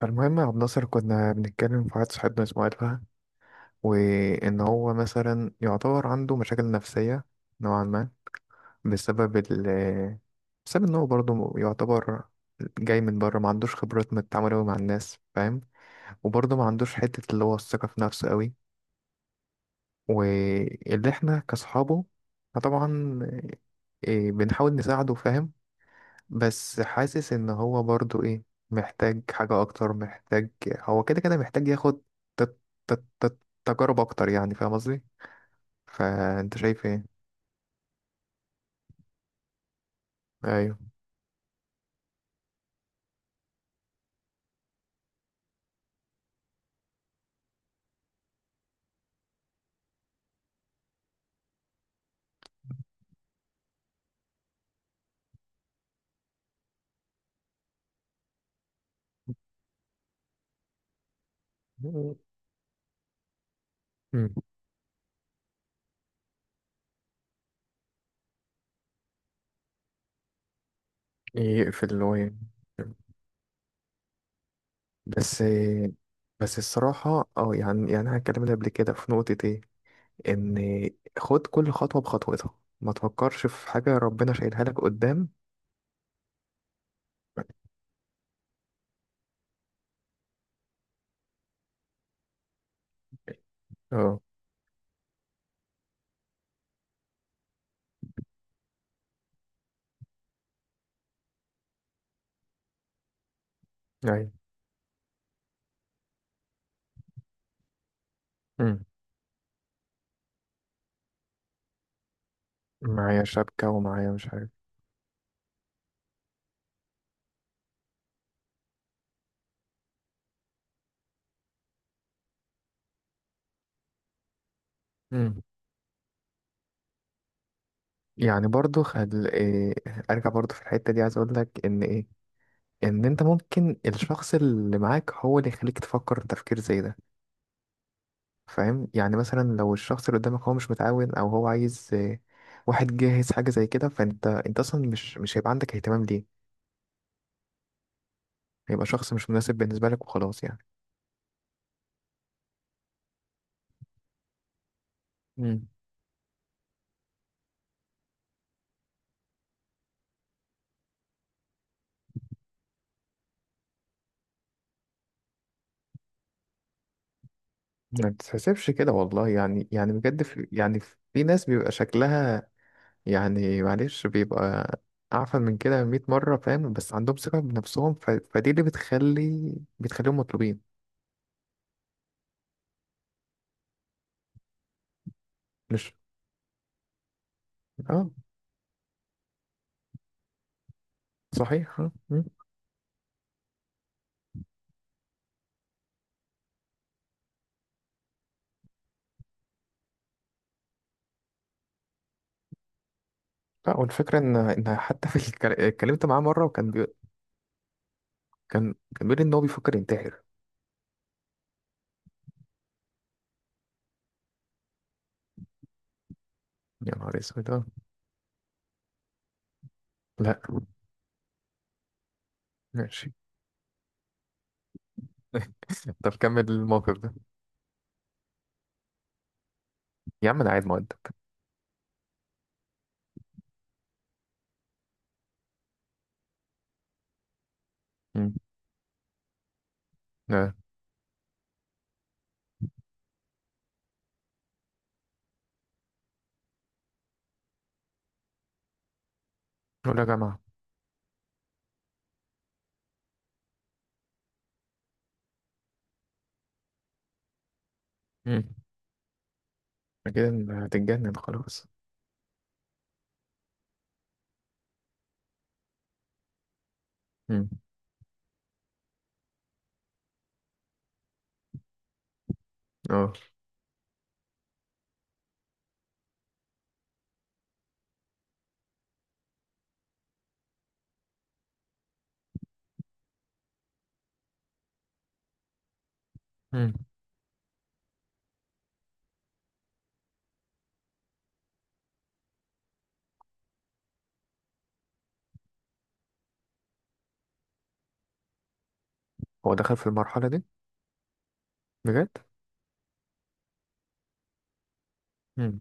فالمهم يا عبد الناصر، كنا بنتكلم في واحد صاحبنا اسمه ألفا. وإن هو مثلا يعتبر عنده مشاكل نفسية نوعا ما بسبب بسبب إن هو برضه يعتبر جاي من بره، ما عندوش خبرات من التعامل أوي مع الناس، فاهم؟ وبرضه ما عندوش حتة اللي هو الثقة في نفسه أوي. واللي إحنا كأصحابه فطبعا إيه، بنحاول نساعده، فاهم؟ بس حاسس ان هو برضو ايه، محتاج حاجة اكتر. محتاج، هو كده كده محتاج ياخد ت- ت- ت- تجارب اكتر، يعني فاهم قصدي؟ فانت شايف ايه؟ ايوه. مم. يقفل اللي هو يعني. بس. بس الصراحة اه يعني يعني انا اتكلمت قبل كده في نقطة ايه، ان خد كل خطوة بخطوتها، ما تفكرش في حاجة ربنا شايلها لك قدام. اه. ايوه. مم. معايا شبكة ومعايا مش عارف. مم. يعني برضو إيه. ارجع برضو في الحتة دي، عايز اقول لك ان ايه، ان انت ممكن الشخص اللي معاك هو اللي يخليك تفكر تفكير زي ده. فاهم؟ يعني مثلا لو الشخص اللي قدامك هو مش متعاون، او هو عايز إيه، واحد جاهز حاجة زي كده، فانت انت اصلا مش هيبقى عندك اهتمام ليه. هيبقى شخص مش مناسب بالنسبة لك وخلاص يعني. امم. ما بتتحسبش كده والله، يعني يعني يعني في ناس بيبقى شكلها، يعني معلش، بيبقى أعفن من كده 100 مرة، فاهم؟ بس عندهم ثقة بنفسهم فدي اللي بتخليهم مطلوبين. مش. اه. صحيح آه، مم. لا، والفكرة إن اتكلمت معاه مرة كان بيقول إن هو بيفكر ينتحر. يا نهار أسود آه. لا. ماشي. طب كمل الموقف ده. يا عم أنا قاعد مؤدب. مم. لا. ولا جامعة. مم. كده إن هتتجنن خلاص. مم. اه. مم. هو دخل في المرحلة دي؟ بجد؟ مم.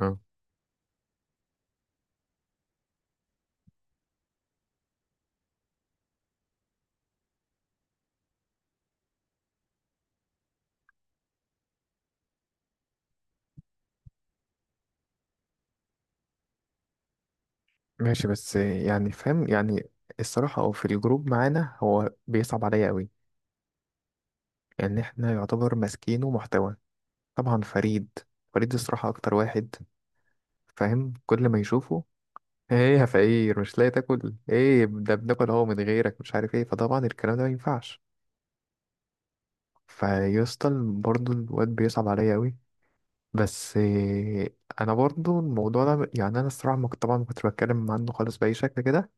اه. ماشي بس يعني، فاهم يعني، الصراحة أو في الجروب معانا هو بيصعب عليا قوي. يعني احنا يعتبر ماسكينه محتوى، طبعا فريد. فريد الصراحة أكتر واحد، فاهم؟ كل ما يشوفه ايه يا فقير، مش لاقي تاكل، ايه ده بناكل هو من غيرك مش عارف ايه. فطبعا الكلام ده ما ينفعش فيسطل برضو الواد. بيصعب عليا قوي، بس إيه، انا برضو الموضوع ده، يعني انا الصراحة ما كنت- طبعا ما كنتش بتكلم عنه خالص بأي شكل كده،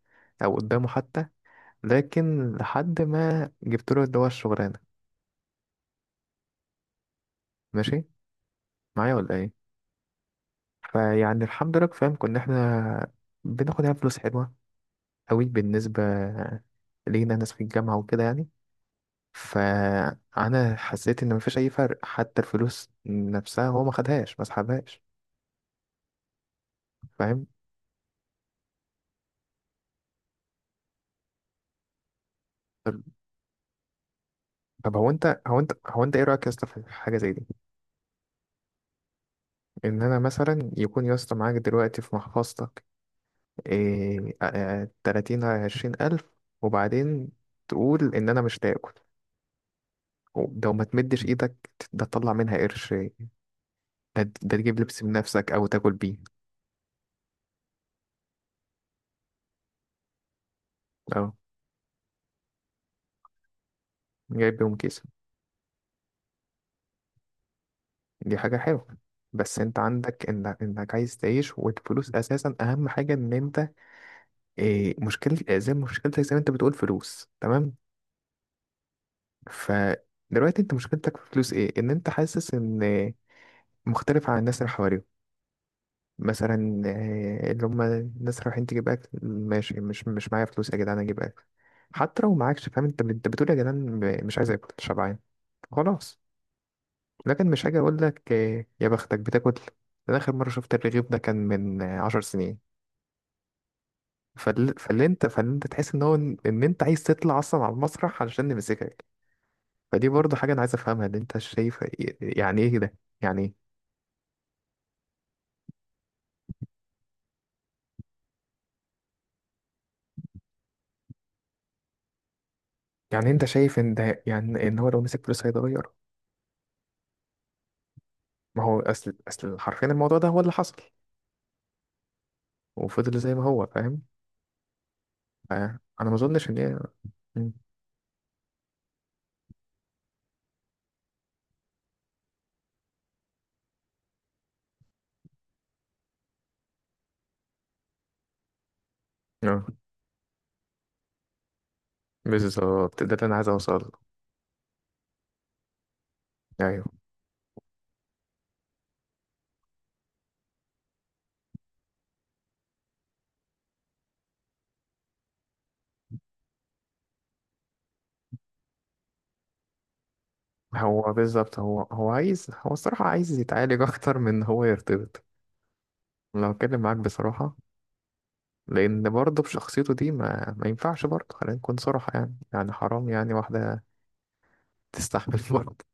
او قدامه حتى. لكن لحد ما جبت له اللي هو الشغلانة. ماشي معايا ولا ايه؟ فيعني الحمد لله فاهم، كنا احنا بناخد يعني فلوس حلوة قوي بالنسبة لينا، ناس في الجامعة وكده يعني. فأنا حسيت إن مفيش أي فرق، حتى الفلوس نفسها هو ما خدهاش ما سحبهاش، فاهم؟ طب طب هو انت ايه رأيك يا اسطى في حاجة زي دي، ان انا مثلا يكون يا اسطى معاك دلوقتي في محفظتك إيه آه، آه، 30 على 20 ألف، وبعدين تقول إن أنا مش تاكل، لو ما تمدش إيدك ده تطلع منها قرش، ده ده تجيب لبس بنفسك أو تاكل بيه. أه. جايب بيهم كيس. دي حاجة حلوة، بس أنت عندك إنك عايز تعيش، والفلوس أساسا أهم حاجة. إن أنت إيه، مشكلة زي مشكلتك، زي ما أنت بتقول، فلوس تمام. فدلوقتي أنت مشكلتك في فلوس إيه، إن أنت حاسس إن مختلف عن الناس اللي حواليك. مثلا آه، اللي هم الناس رايحين تجيب اكل، ماشي مش معايا فلوس يا جدعان، اجيب اكل حتى لو معاكش، فاهم؟ انت انت بتقول يا جدعان مش عايز اكل، شبعان، خلاص. لكن مش هاجي اقول لك آه، يا بختك بتاكل، انا اخر مره شفت الرغيف ده كان من آه، 10 سنين. فاللي انت تحس ان هو ان إن انت عايز تطلع اصلا على المسرح علشان نمسكك. فدي برضه حاجه انا عايز افهمها، اللي انت شايف يعني ايه ده، يعني إيه؟ يعني انت شايف ان ده يعني ان هو لو مسك فلوس هيتغير؟ ما هو اصل حرفيا الموضوع ده هو اللي حصل، وفضل زي ما هو، فاهم؟ ف- انا ما اظنش ان هي. مم. آه، بالظبط، ده اللي انا عايز اوصل له. ايوه. هو بالظبط، هو عايز، هو الصراحه عايز يتعالج اكتر من إن هو يرتبط، لو اتكلم معاك بصراحه. لان برضه بشخصيته دي ما ينفعش برضه، خلينا نكون صراحه يعني، يعني حرام يعني واحده تستحمل. برضه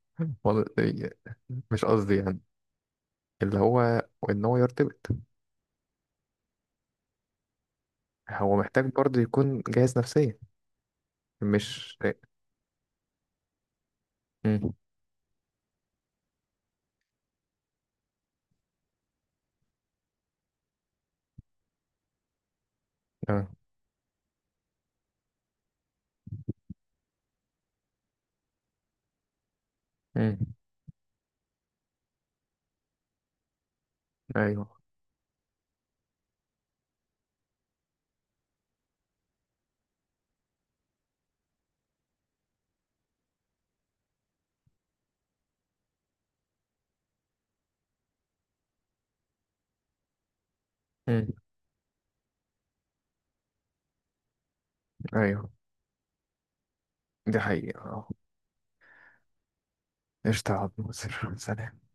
والله- مش قصدي يعني. اللي هو ان هو يرتبط، هو محتاج برضه يكون جاهز نفسيا. مش. مم. آه. مم. ايوه. مم. ايوه. دي حقيقة اه. قشطة يا عبد الناصر، سلام.